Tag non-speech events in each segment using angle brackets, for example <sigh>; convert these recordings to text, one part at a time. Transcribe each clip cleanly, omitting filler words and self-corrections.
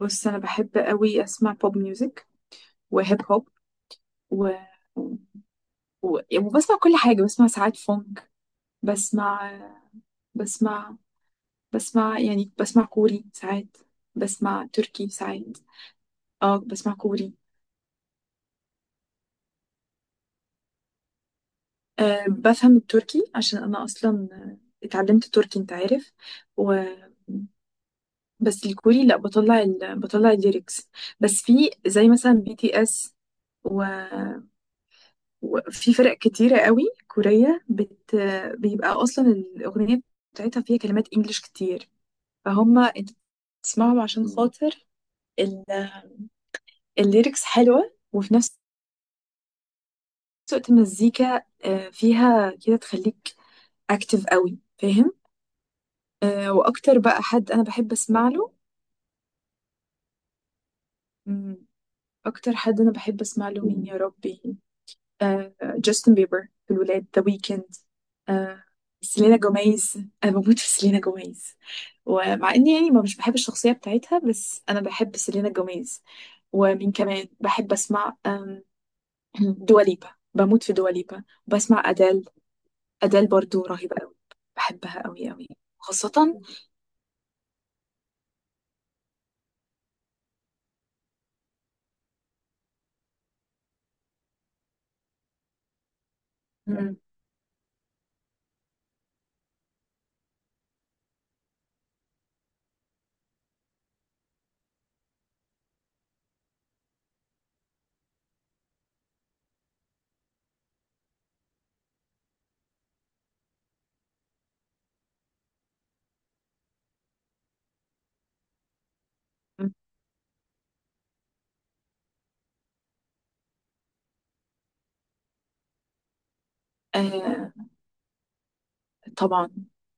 بص، انا بحب قوي اسمع بوب ميوزك وهيب هوب. و... وبسمع كل حاجه، بسمع ساعات فونك. بسمع بسمع بسمع يعني بسمع كوري ساعات، بسمع تركي ساعات. اه، بسمع كوري. أه، بفهم التركي عشان أنا أصلا اتعلمت تركي، أنت عارف. و... بس الكوري لأ، بطلع الليركس، بس في زي مثلا بي تي اس. و... وفي فرق كتيرة قوي كورية، بيبقى أصلا الأغنية بتاعتها فيها كلمات إنجليش كتير، فهم أنت؟ بتسمعهم عشان خاطر ال... الليركس حلوة، وفي نفس الوقت المزيكا فيها كده تخليك أكتف قوي، فاهم؟ واكتر بقى حد انا بحب اسمع له، مم، اكتر حد انا بحب اسمع له مين؟ يا ربي. جاستن بيبر، في الولاد، ذا ويكند. آه، سيلينا جوميز. انا بموت في سيلينا جوميز، ومع اني يعني ما مش بحب الشخصيه بتاعتها، بس انا بحب سيلينا جوميز. ومين كمان بحب اسمع؟ <clears throat> دواليبا. بموت في دواليبا. بسمع ادال. ادال برضو رهيبه قوي. بحبها قوي قوي، خاصه. مم. طبعا،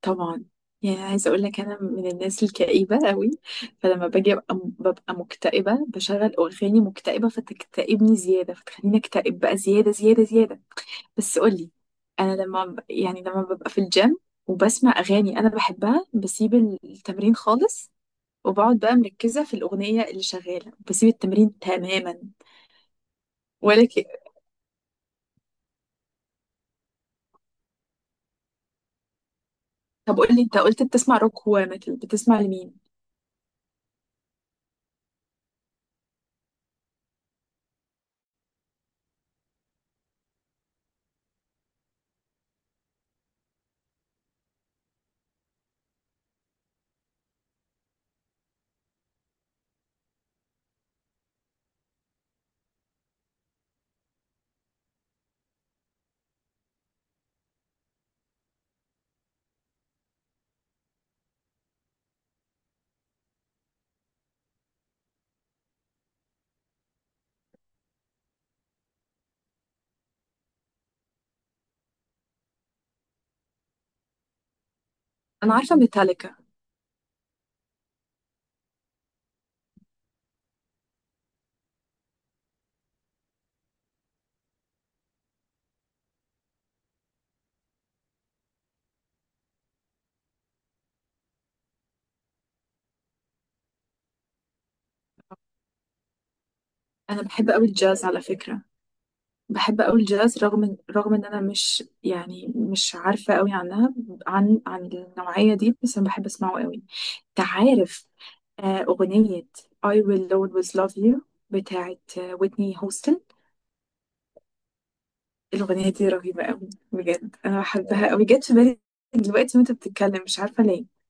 طبعا. يعني عايزه اقول لك، انا من الناس الكئيبه قوي، فلما باجي ببقى مكتئبه بشغل اغاني مكتئبه، فتكتئبني زياده، فتخليني اكتئب بقى زياده زياده زياده. بس قولي. انا لما يعني لما ببقى في الجيم وبسمع اغاني انا بحبها، بسيب التمرين خالص وبقعد بقى مركزه في الاغنيه اللي شغاله، بسيب التمرين تماما. ولا ك... طب قولي، انت قلت بتسمع روك، هو متل بتسمع لمين؟ انا عارفه ميتاليكا. انا بحب قوي الجاز على فكره. بحب أوي الجاز رغم إن أنا مش يعني مش عارفة أوي عنها، عن النوعية دي، بس أنا بحب أسمعه أوي. تعرف؟ أغنية I will always love you بتاعت ويتني هوستن. الأغنية دي رهيبة أوي، بجد أنا بحبها أوي، جت في بالي دلوقتي وأنت بتتكلم، مش عارفة ليه.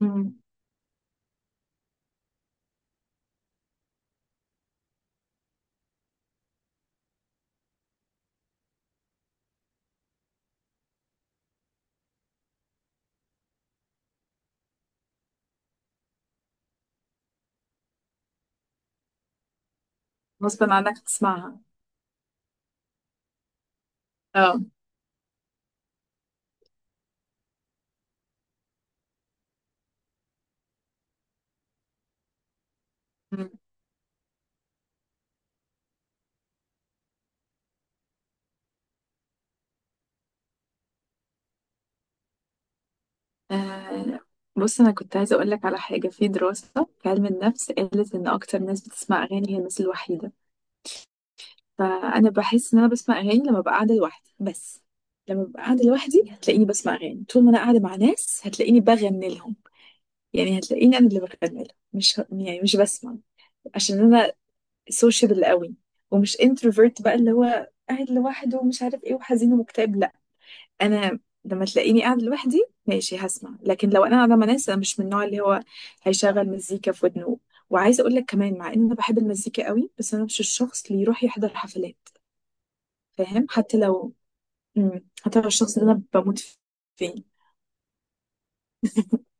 مم. غصبا عنك تسمعها. اه. مم. آه، بص، أنا كنت عايزة أقولك على حاجة، في دراسة في علم النفس قالت إن أكتر ناس بتسمع أغاني هي الناس الوحيدة، فانا بحس ان انا بسمع اغاني لما ببقى قاعده لوحدي بس. لما ببقى قاعده لوحدي هتلاقيني بسمع اغاني، طول ما انا قاعده مع ناس هتلاقيني بغني لهم، يعني هتلاقيني انا اللي بغني لهم، مش ه- يعني مش بسمع، عشان انا سوشيبل قوي، ومش انتروفيرت بقى اللي هو قاعد لوحده ومش عارف ايه وحزين ومكتئب، لا. انا لما تلاقيني قاعده لوحدي ماشي هسمع، لكن لو انا قاعده مع ناس، انا مش من النوع اللي هو هيشغل مزيكا في ودنه. وعايزه اقول لك كمان، مع ان انا بحب المزيكا قوي، بس انا مش الشخص اللي يروح يحضر حفلات. فاهم؟ حتى لو هتعرف الشخص اللي انا بموت فيه. <laughs>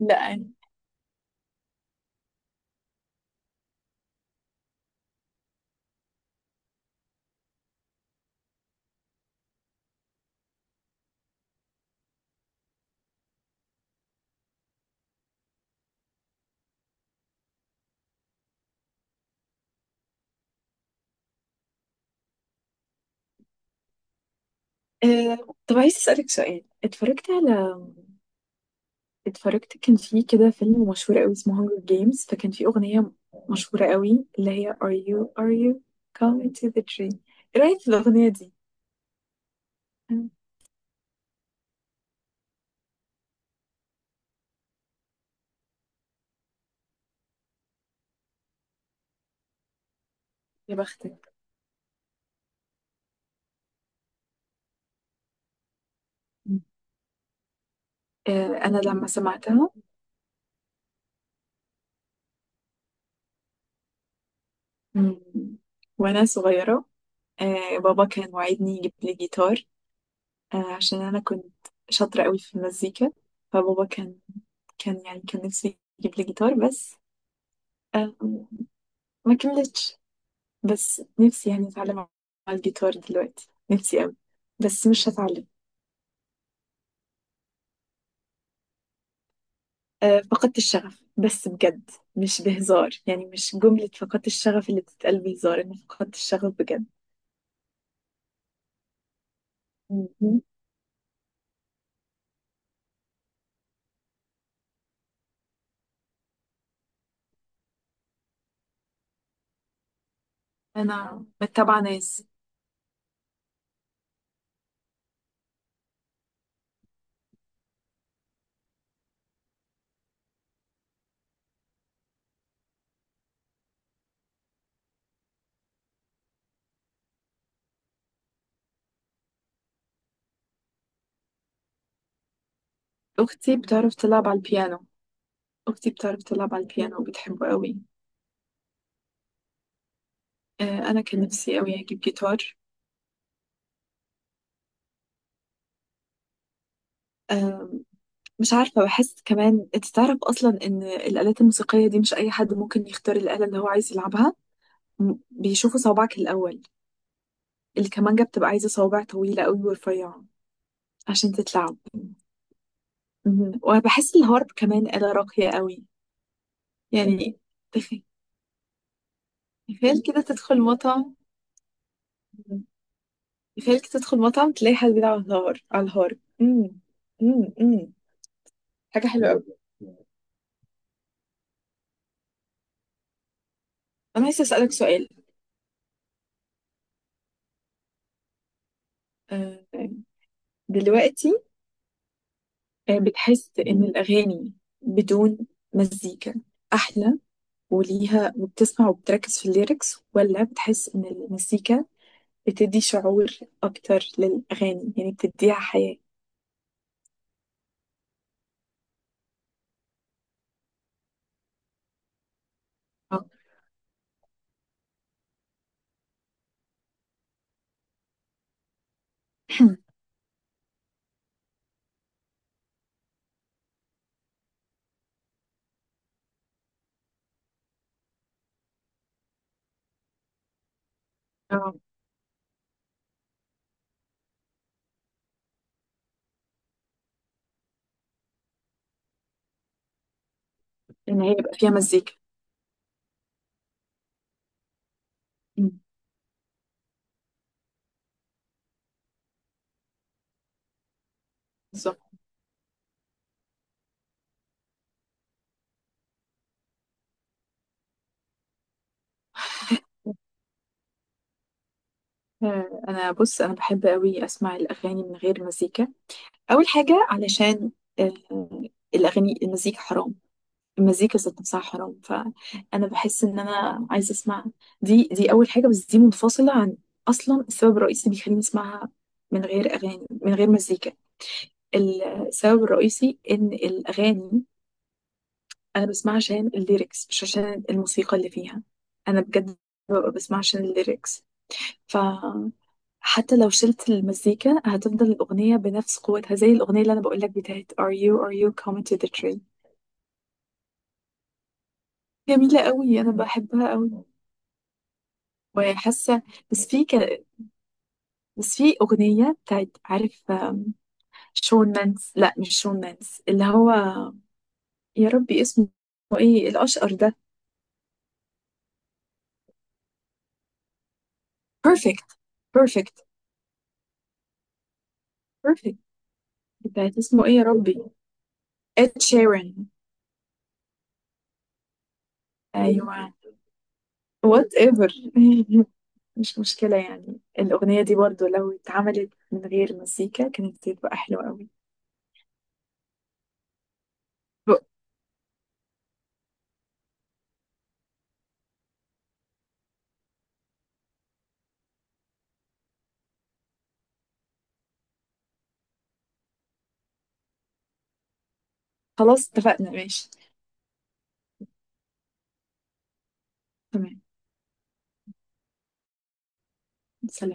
لا يعني. طب عايز اسالك سؤال، اتفرجت، كان في كده فيلم مشهور قوي اسمه هانجر جيمز، فكان في اغنيه مشهوره قوي، اللي هي Are you are you coming to the tree. ايه رايك في الاغنيه دي؟ مم. يا بختك. مم. انا لما سمعتها مم. وانا صغيره. بابا كان وعدني يجيب لي جيتار، عشان انا كنت شاطره قوي في المزيكا. فبابا كان كان يعني كان نفسه يجيب لي جيتار، بس آه، ما كملتش. بس نفسي يعني اتعلم على الجيتار دلوقتي، نفسي قوي، بس مش هتعلم. فقدت الشغف، بس بجد مش بهزار، يعني مش جملة فقدت الشغف اللي بتتقال بهزار، انا فقدت الشغف بجد. مهم. انا متابعة ناس. اختي بتعرف تلعب على البيانو اختي بتعرف تلعب على البيانو وبتحبه قوي. انا كان نفسي قوي اجيب جيتار. آم، مش عارفة، بحس كمان انت تعرف اصلا ان الآلات الموسيقية دي مش اي حد ممكن يختار الآلة اللي هو عايز يلعبها. بيشوفوا صوابعك الاول، الكمانجة بتبقى عايزة صوابع طويلة قوي ورفيعة عشان تتلعب. مهم. وبحس الهارب كمان آلة راقية قوي، يعني تخ- تخيل كده تدخل مطعم تخيل كده تدخل مطعم تلاقي حد بيلعب على على الهارب. مم. مم. مم. حاجة حلوة قوي. انا عايزة اسألك سؤال. آه، دلوقتي بتحس إن الأغاني بدون مزيكا أحلى، وليها وبتسمع وبتركز في الليركس، ولا بتحس إن المزيكا بتدي شعور أكتر للأغاني، يعني بتديها حياة؟ <coughs> آه. <clears throat> آه، إن هي يبقى فيها مزيكا. مم. بالظبط. أنا، بص، أنا بحب أوي أسمع الأغاني من غير مزيكا. أول حاجة علشان آه، الأغاني، المزيكا حرام، المزيكا ذات نفسها حرام، فانا بحس ان انا عايزه اسمع. دي اول حاجه، بس دي منفصله عن اصلا السبب الرئيسي اللي بيخليني اسمعها من غير اغاني من غير مزيكا. السبب الرئيسي ان الاغاني انا بسمعها عشان الليركس، مش عشان الموسيقى اللي فيها. انا بجد ببقى بسمعها عشان الليركس، ف حتى لو شلت المزيكا هتفضل الأغنية بنفس قوتها، زي الأغنية اللي أنا بقولك بتاعت Are you are you coming to the tree. جميلة قوي، أنا بحبها قوي وحاسه. بس في ك... بس في اغنيه بتاعت، عارف؟ شون مانس، لا مش شون مانس، اللي هو، يا ربي اسمه ايه، الاشقر ده؟ بيرفكت، بيرفكت، بيرفكت بتاعت اسمه ايه؟ يا ربي. اد شيران. ايوه، وات ايفر. <laughs> مش مشكله، يعني الاغنيه دي برضو لو اتعملت من غير مزيكا كانت هتبقى حلوه قوي. خلاص، اتفقنا، ماشي. تمام. سلام.